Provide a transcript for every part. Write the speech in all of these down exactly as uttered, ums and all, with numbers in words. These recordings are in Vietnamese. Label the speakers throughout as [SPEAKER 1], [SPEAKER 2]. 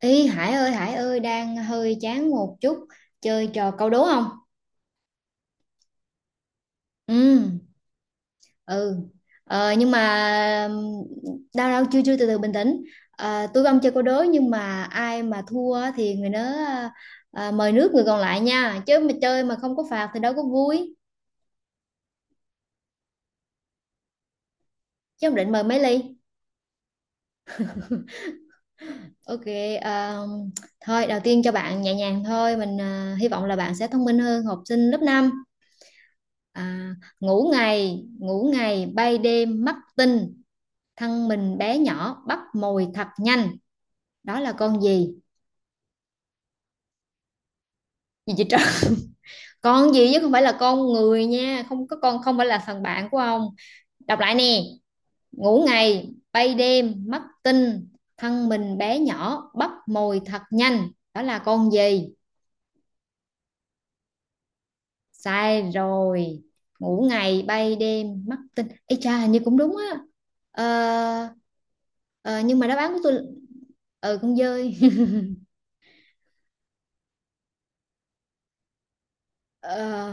[SPEAKER 1] Ý Hải ơi Hải ơi đang hơi chán một chút, chơi trò câu đố không? Ừ ừ ờ, nhưng mà đau đau chưa chưa từ từ bình tĩnh. Ờ, tôi không chơi câu đố nhưng mà ai mà thua á thì người đó à, mời nước người còn lại nha, chứ mà chơi mà không có phạt thì đâu có vui, chứ không định mời mấy ly. Ok. ờ, Thôi đầu tiên cho bạn nhẹ nhàng thôi, mình ờ, hy vọng là bạn sẽ thông minh hơn học sinh lớp năm. À, ngủ ngày ngủ ngày bay đêm mắt tinh, thân mình bé nhỏ bắp mồi thập nhanh, đó là con gì? Gì vậy trời con gì chứ không phải là con người nha, không có con, không phải là thằng bạn của ông. Đọc lại nè: ngủ ngày bay đêm mất tinh, thân mình bé nhỏ bắp mồi thật nhanh, đó là con gì? Sai rồi. Ngủ ngày bay đêm mất tinh. Ê cha hình như cũng đúng á. Ờ, ờ, nhưng mà đáp án của tôi ừ con dơi Ờ,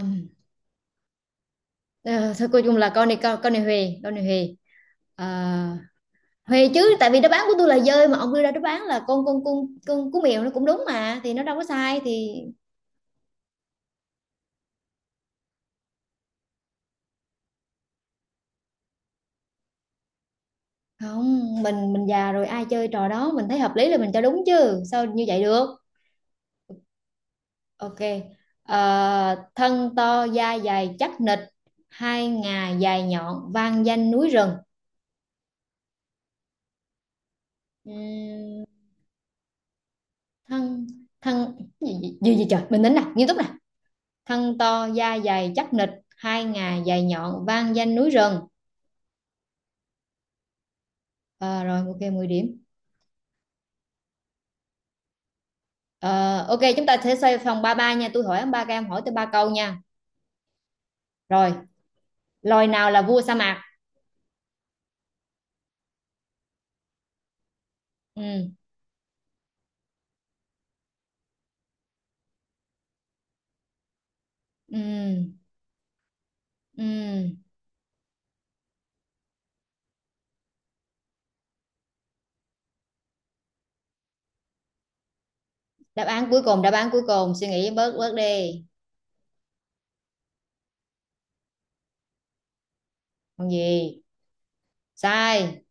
[SPEAKER 1] ờ, thôi cuối cùng là con này con con này Huề con này Huề. Ờ, Huề chứ tại vì đáp án của tôi là dơi mà ông đưa ra đáp án là con con con con cú mèo nó cũng đúng mà, thì nó đâu có sai thì không, mình mình già rồi ai chơi trò đó, mình thấy hợp lý là mình cho đúng chứ sao như vậy được. Ok. Ờ, thân to da dày chắc nịch, hai ngà dài nhọn vang danh núi rừng. Ừm, thân thân gì, gì, gì, gì trời, mình tính nè nghiêm túc nè. Thân to da dày chắc nịch, hai ngà dài nhọn vang danh núi rừng. Ờ, rồi ok mười điểm. Ờ, ok chúng ta sẽ xoay phòng vòng ba nha, tôi hỏi ba cái em hỏi tới ba câu nha. Rồi, loài nào là vua sa mạc? Ừ, ừ, ừ. Đáp án cuối cùng, đáp án cuối cùng, suy nghĩ bớt bớt đi. Còn gì? Sai.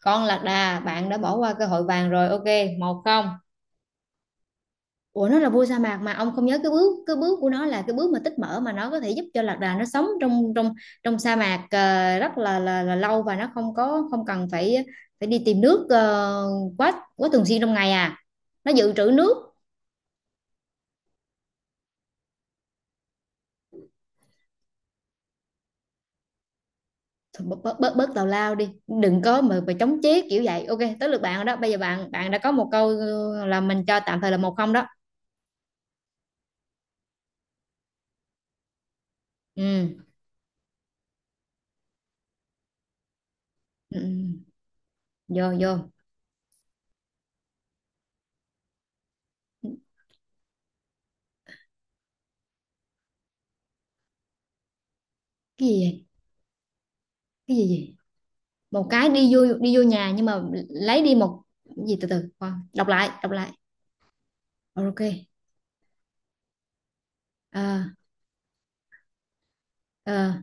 [SPEAKER 1] Con lạc đà, bạn đã bỏ qua cơ hội vàng rồi. Ok, một không. Ủa nó là vua sa mạc mà ông không nhớ, cái bước cái bước của nó là cái bước mà tích mỡ, mà nó có thể giúp cho lạc đà nó sống trong trong trong sa mạc ờ, rất là, là là lâu, và nó không có không cần phải phải đi tìm nước ờ, quá quá thường xuyên trong ngày à, nó dự trữ nước. Thôi bớt bớt bớt, bớt tào lao đi, đừng có mà mà chống chế kiểu vậy. Ok tới lượt bạn rồi đó, bây giờ bạn bạn đã có một câu ờ, là mình cho tạm thời là một không đó. Ừ, ừ. Ừ. Vô vô. Cái gì vậy? Cái gì vậy? Một cái đi vô đi vô nhà nhưng mà lấy đi một cái gì? Từ từ khoan, đọc lại đọc lại. Rồi, ok. Ờ, ờ,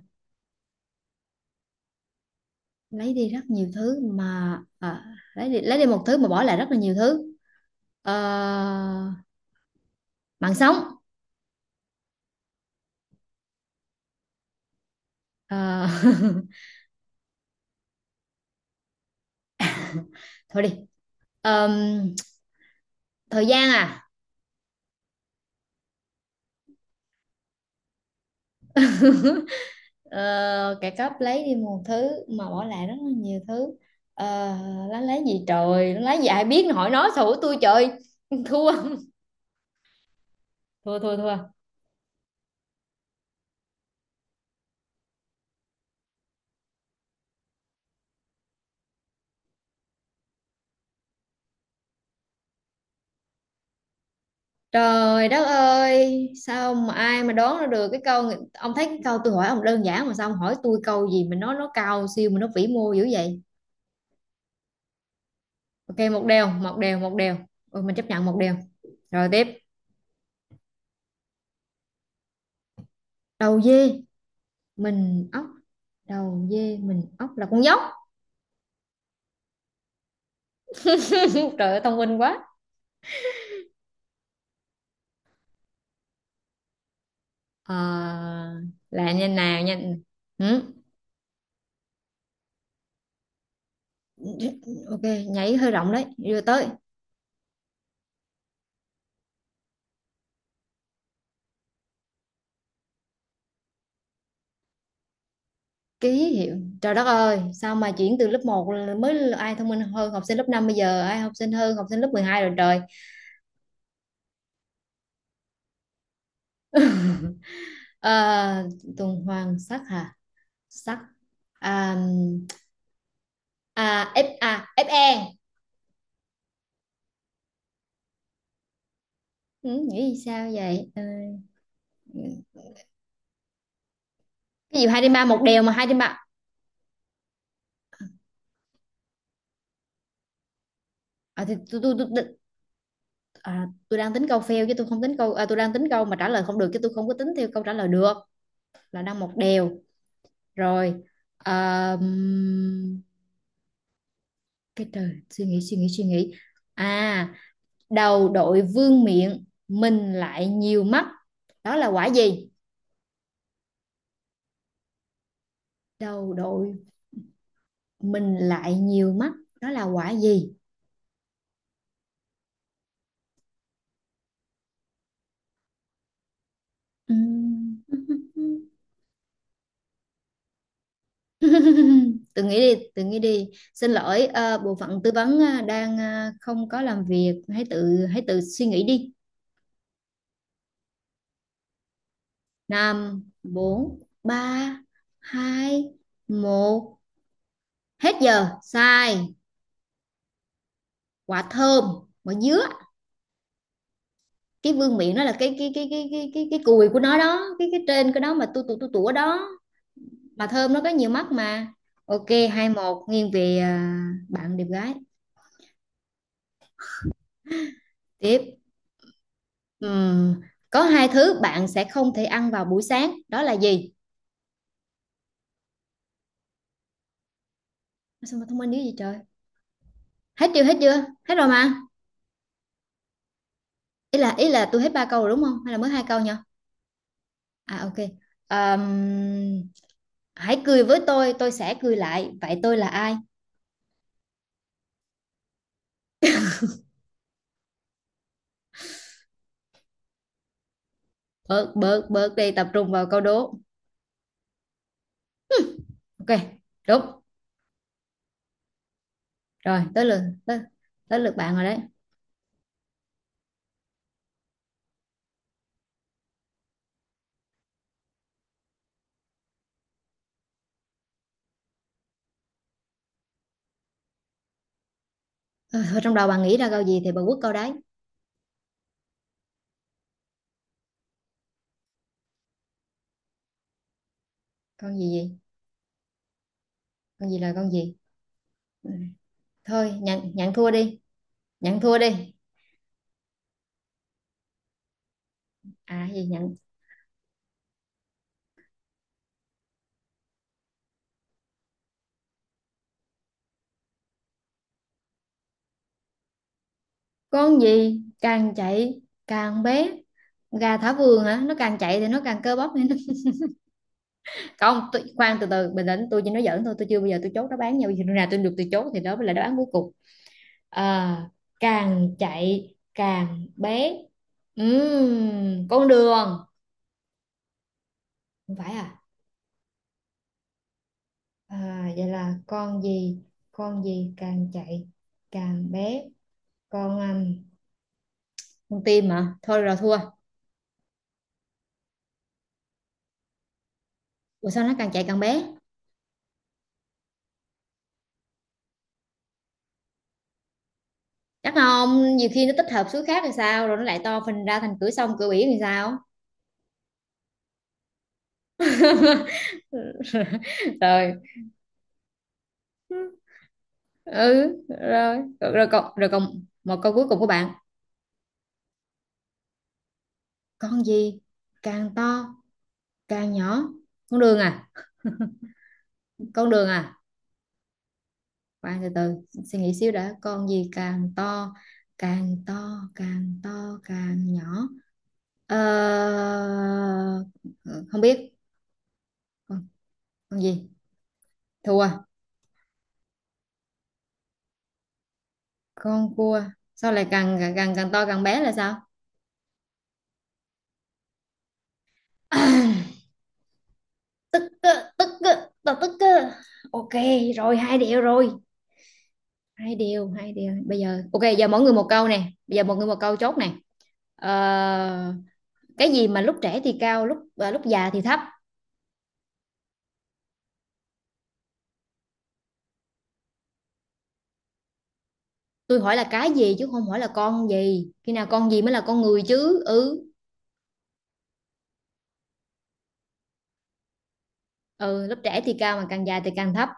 [SPEAKER 1] lấy đi rất nhiều thứ mà ờ, lấy đi lấy đi một thứ mà bỏ lại rất là nhiều thứ. Ờ, mạng sống. Ờ, thôi đi. Ờm, thời gian à. Ờ, kẻ cắp lấy đi một thứ mà bỏ lại rất là nhiều thứ. Ờ, nó lấy gì trời, nó lấy gì, ai biết, nó hỏi nó xù tôi trời thua thua thua thua. Trời đất ơi, sao mà ai mà đoán ra được cái câu? Ông thấy cái câu tôi hỏi ông đơn giản mà sao ông hỏi tôi câu gì mà nó nó cao siêu mà nó vĩ mô dữ vậy. Ok một đều, một đều, một đều. Ừ, mình chấp nhận một đều. Rồi tiếp. Đầu dê mình ốc, đầu dê mình ốc là con dốc. Trời ơi thông minh quá. Ờ, là như nào nha. Ừ. Ok, nhảy hơi rộng đấy. Đưa tới. Ký hiệu, trời đất ơi sao mà chuyển từ lớp một là mới là ai thông minh hơn học sinh lớp năm bây giờ ai học sinh hơn học sinh lớp mười hai rồi trời. À, tuần hoàn sắc hả, sắc, à, à, F, à, ép e. Ừ, nghĩ sao vậy? Ờ, cái gì hai trên ba, một đều mà hai trên ba. À, thì tôi tôi tôi tôi- à, tôi đang tính câu fail chứ tôi không tính câu, à, tôi đang tính câu mà trả lời không được chứ tôi không có tính theo câu trả lời được, là đang một đều. Rồi. Ờ, cái trời suy nghĩ suy nghĩ suy nghĩ. À, đầu đội vương miện mình lại nhiều mắt, đó là quả gì? Đầu đội mình lại nhiều mắt, đó là quả gì? Ừm. Tự nghĩ đi tự nghĩ đi, xin lỗi ờ, bộ phận tư vấn ờ, đang ờ, không có làm việc, hãy tự hãy tự suy nghĩ đi. Năm, bốn, ba, hai, một. Hết giờ sai. Quả thơm, quả dứa. Cái vương miện nó là cái cái cái cái cái cái cái cùi của nó đó, cái cái trên cái đó mà tu tu tu tủa đó. Mà thơm nó có nhiều mắt mà. Ok, hai một nghiêng về, à, bạn đẹp gái. Tiếp. Ừm, có hai thứ bạn sẽ không thể ăn vào buổi sáng, đó là gì? Sao mà thông minh dữ gì trời. Hết chưa hết chưa hết rồi mà. Ý là ý là tôi hết ba câu rồi đúng không, hay là mới hai câu nhỉ? À ok. Ờm, hãy cười với tôi tôi sẽ cười lại, vậy tôi là ai? Bớt bớt bớt đi, tập trung vào câu đố. Ok, đúng rồi. Tới lượt tới, tới lượt bạn rồi đấy. Ờ, thôi trong đầu bạn nghĩ ra câu gì thì bà quất câu đấy. Con gì gì, con gì là con gì. Ừ. Thôi nhận nhận thua đi, nhận thua đi. À gì nhận? Con gì càng chạy càng bé, gà thả vườn hả, nó càng chạy thì nó càng cơ bắp nên nó... Không tôi, khoan từ từ bình tĩnh, tôi chỉ nói giỡn thôi, tôi chưa bao giờ tôi chốt đáp án nhau, khi nào tôi được tôi chốt thì đó mới là đáp án cuối cùng. À, càng chạy càng bé. Ừm, con đường. Không phải à? À, vậy là con gì? Con gì càng chạy càng bé? Con um, con tim mà, thôi rồi thua. Ủa sao nó càng chạy càng bé? Chắc không, nhiều khi nó tích hợp số khác thì sao, rồi nó lại to phình ra thành cửa sông cửa biển thì sao. Rồi. Ừ. Rồi rồi, rồi còn rồi còn một câu cuối cùng của bạn. Con gì càng to càng nhỏ? Con đường à? Con đường à? Khoan từ từ, suy nghĩ xíu đã. Con gì càng to, càng to càng to càng nhỏ? Ờ... Ừ, không biết. con, con gì? Thua. Con cua. Sao lại càng càng càng càng to càng bé là sao? Tức cơ, tức cơ, tao tức cơ. Ok, rồi hai điều rồi. Hai điều hai điều bây giờ ok, giờ mỗi người một câu nè, bây giờ mỗi người một câu chốt nè. Ờ... Cái gì mà lúc trẻ thì cao, lúc à, lúc già thì thấp? Tôi hỏi là cái gì chứ không hỏi là con gì, khi nào con gì mới là con người chứ. Ừ. Ừ, lớp trẻ thì cao mà càng già thì càng thấp.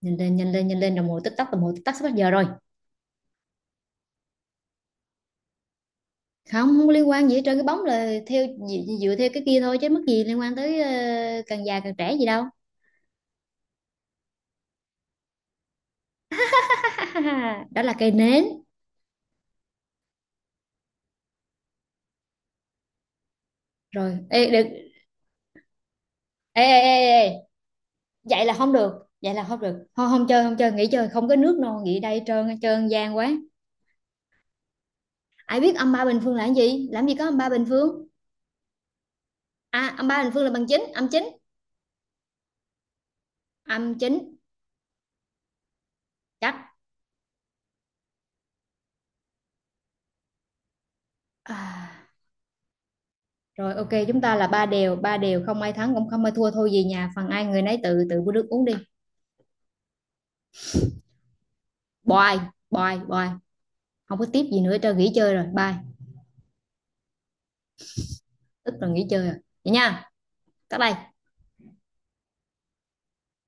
[SPEAKER 1] Nhìn lên nhìn lên nhìn lên, đồng hồ tích tắc, đồng hồ tích tắc sắp hết giờ rồi. Không, không có liên quan gì hết trơn, cái bóng là theo dựa, dựa theo cái kia thôi chứ mất gì liên quan tới ờ, càng già càng trẻ gì đâu. Đó là cây nến. Rồi ê, được. Ê, ê, ê, ê. Vậy là không được, vậy là không được, không không chơi, không chơi nghỉ chơi, không có nước non, nghỉ đây, hết trơn hết trơn gian quá. Ai biết âm ba bình phương là cái gì, làm gì có âm ba bình phương? À âm ba bình phương là bằng chín, âm chín, âm chính. Chắc. À, rồi ok, chúng ta là ba đều ba đều, không ai thắng cũng không ai thua, thôi về nhà phần ai người nấy tự tự của đức uống đi. Bye bye bye. Không có tiếp gì nữa, cho nghỉ chơi rồi. Bye. Tức là nghỉ chơi rồi vậy nha, tắt đây.